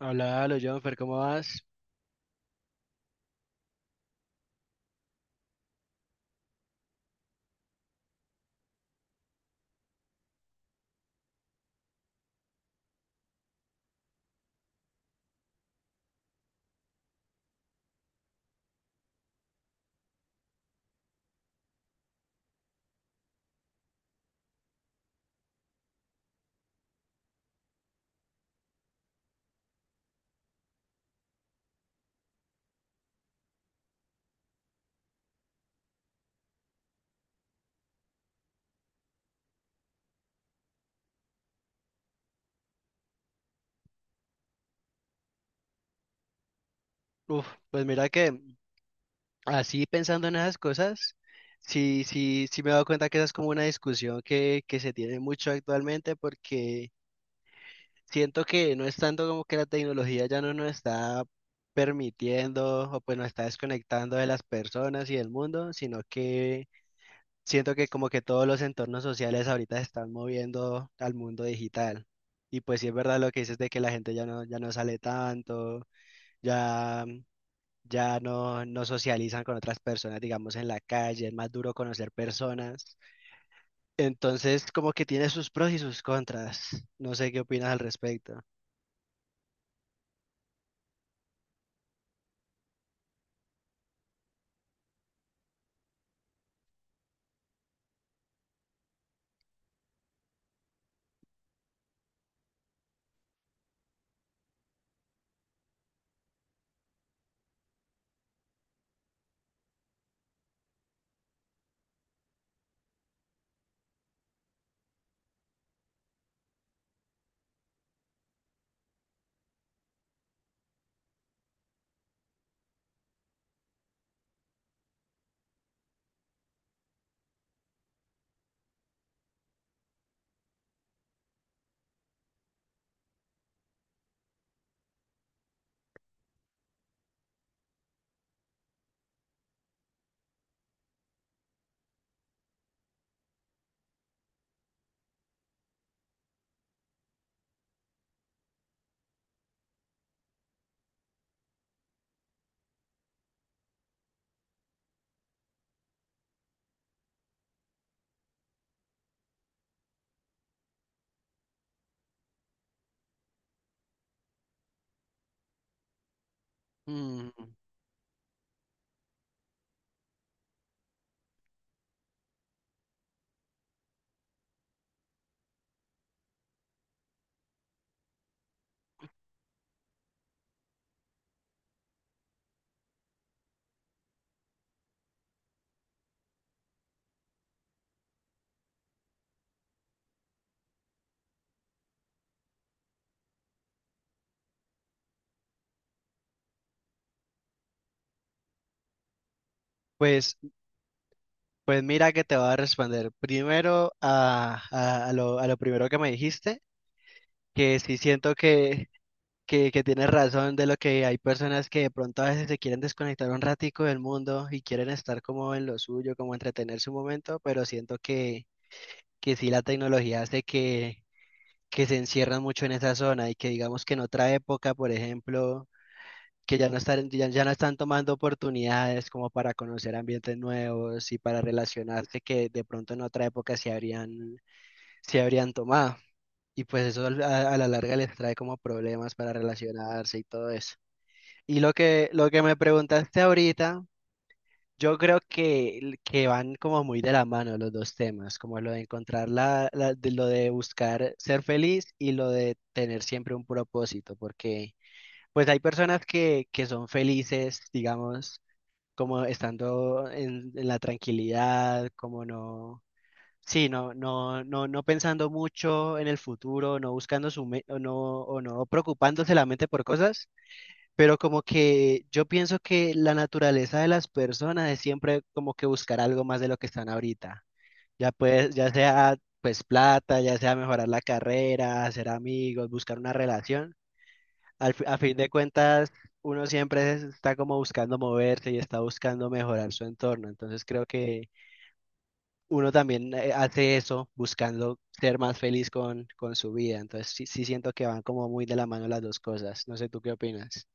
Hola, hola, Jonfer, ¿cómo vas? Uf, pues mira que así pensando en esas cosas, sí, me he dado cuenta que esa es como una discusión que se tiene mucho actualmente porque siento que no es tanto como que la tecnología ya no nos está permitiendo o pues nos está desconectando de las personas y del mundo, sino que siento que como que todos los entornos sociales ahorita se están moviendo al mundo digital. Y pues sí es verdad lo que dices de que la gente ya no sale tanto, ya... ya no, no socializan con otras personas, digamos, en la calle, es más duro conocer personas. Entonces, como que tiene sus pros y sus contras. No sé qué opinas al respecto. Mm, pues, pues mira que te voy a responder primero a lo primero que me dijiste, que sí siento que tienes razón de lo que hay personas que de pronto a veces se quieren desconectar un ratico del mundo y quieren estar como en lo suyo, como entretenerse un momento, pero siento que sí la tecnología hace que se encierran mucho en esa zona y que digamos que en otra época, por ejemplo, que ya no están, ya no están tomando oportunidades como para conocer ambientes nuevos y para relacionarse que de pronto en otra época se habrían tomado. Y pues eso a la larga les trae como problemas para relacionarse y todo eso. Y lo que me preguntaste ahorita yo creo que van como muy de la mano los dos temas, como lo de encontrar de lo de buscar ser feliz y lo de tener siempre un propósito, porque pues hay personas que son felices, digamos, como estando en la tranquilidad, como no, sí, no pensando mucho en el futuro, no buscando su me- o no preocupándose la mente por cosas, pero como que yo pienso que la naturaleza de las personas es siempre como que buscar algo más de lo que están ahorita. Ya pues, ya sea pues plata, ya sea mejorar la carrera, hacer amigos, buscar una relación. A fin de cuentas, uno está como buscando moverse y está buscando mejorar su entorno. Entonces creo que uno también hace eso buscando ser más feliz con su vida. Entonces sí, sí siento que van como muy de la mano las dos cosas. No sé, ¿tú qué opinas?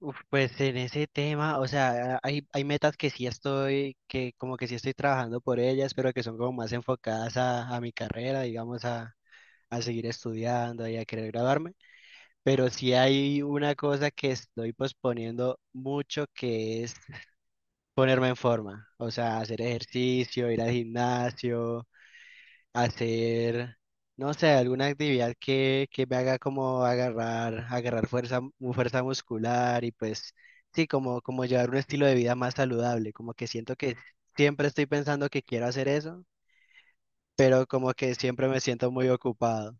Uf, pues en ese tema, o sea, hay metas que sí estoy, que como que sí estoy trabajando por ellas, pero que son como más enfocadas a mi carrera, digamos, a seguir estudiando y a querer graduarme. Pero sí hay una cosa que estoy posponiendo mucho, que es ponerme en forma, o sea, hacer ejercicio, ir al gimnasio, hacer, no sé, alguna actividad que me haga como agarrar fuerza, fuerza muscular y pues sí, como, como llevar un estilo de vida más saludable, como que siento que siempre estoy pensando que quiero hacer eso, pero como que siempre me siento muy ocupado.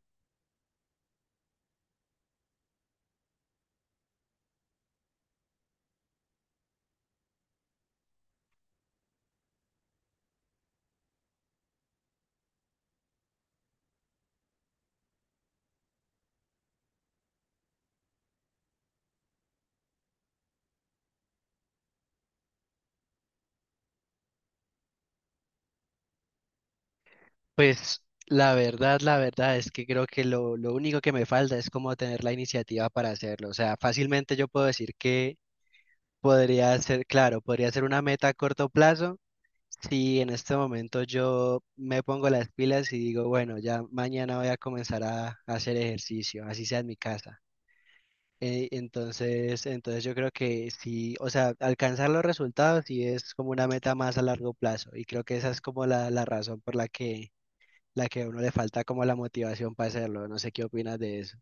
Pues la verdad es que creo que lo único que me falta es como tener la iniciativa para hacerlo. O sea, fácilmente yo puedo decir que podría ser, claro, podría ser una meta a corto plazo. Sí, en este momento yo me pongo las pilas y digo, bueno, ya mañana voy a comenzar a hacer ejercicio, así sea en mi casa. Entonces yo creo que sí, o sea, alcanzar los resultados sí es como una meta más a largo plazo y creo que esa es como la razón por la que a uno le falta como la motivación para hacerlo. No sé qué opinas de eso.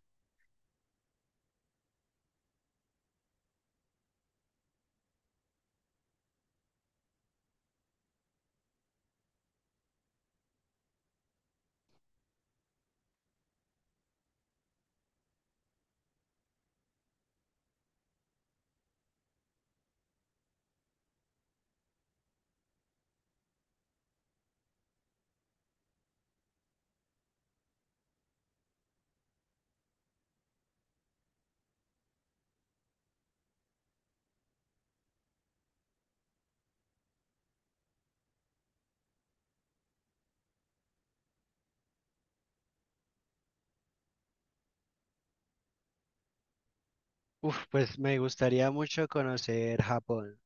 Uf, pues me gustaría mucho conocer Japón.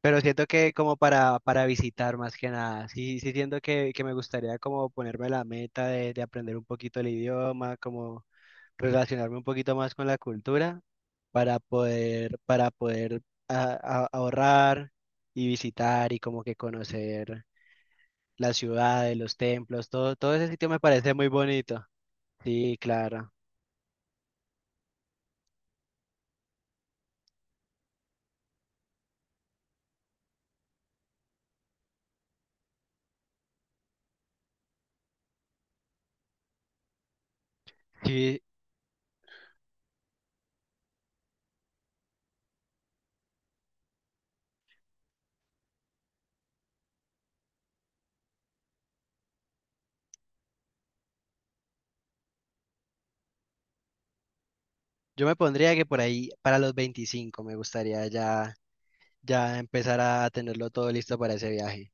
Pero siento que como para visitar más que nada, sí, sí siento que me gustaría como ponerme la meta de aprender un poquito el idioma, como relacionarme un poquito más con la cultura para poder a- ahorrar y visitar y como que conocer las ciudades, los templos, todo ese sitio me parece muy bonito. Sí, claro. Sí, yo me pondría que por ahí para los 25 me gustaría ya, ya empezar a tenerlo todo listo para ese viaje.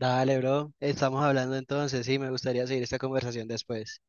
Dale, bro. Estamos hablando entonces. Sí, me gustaría seguir esta conversación después.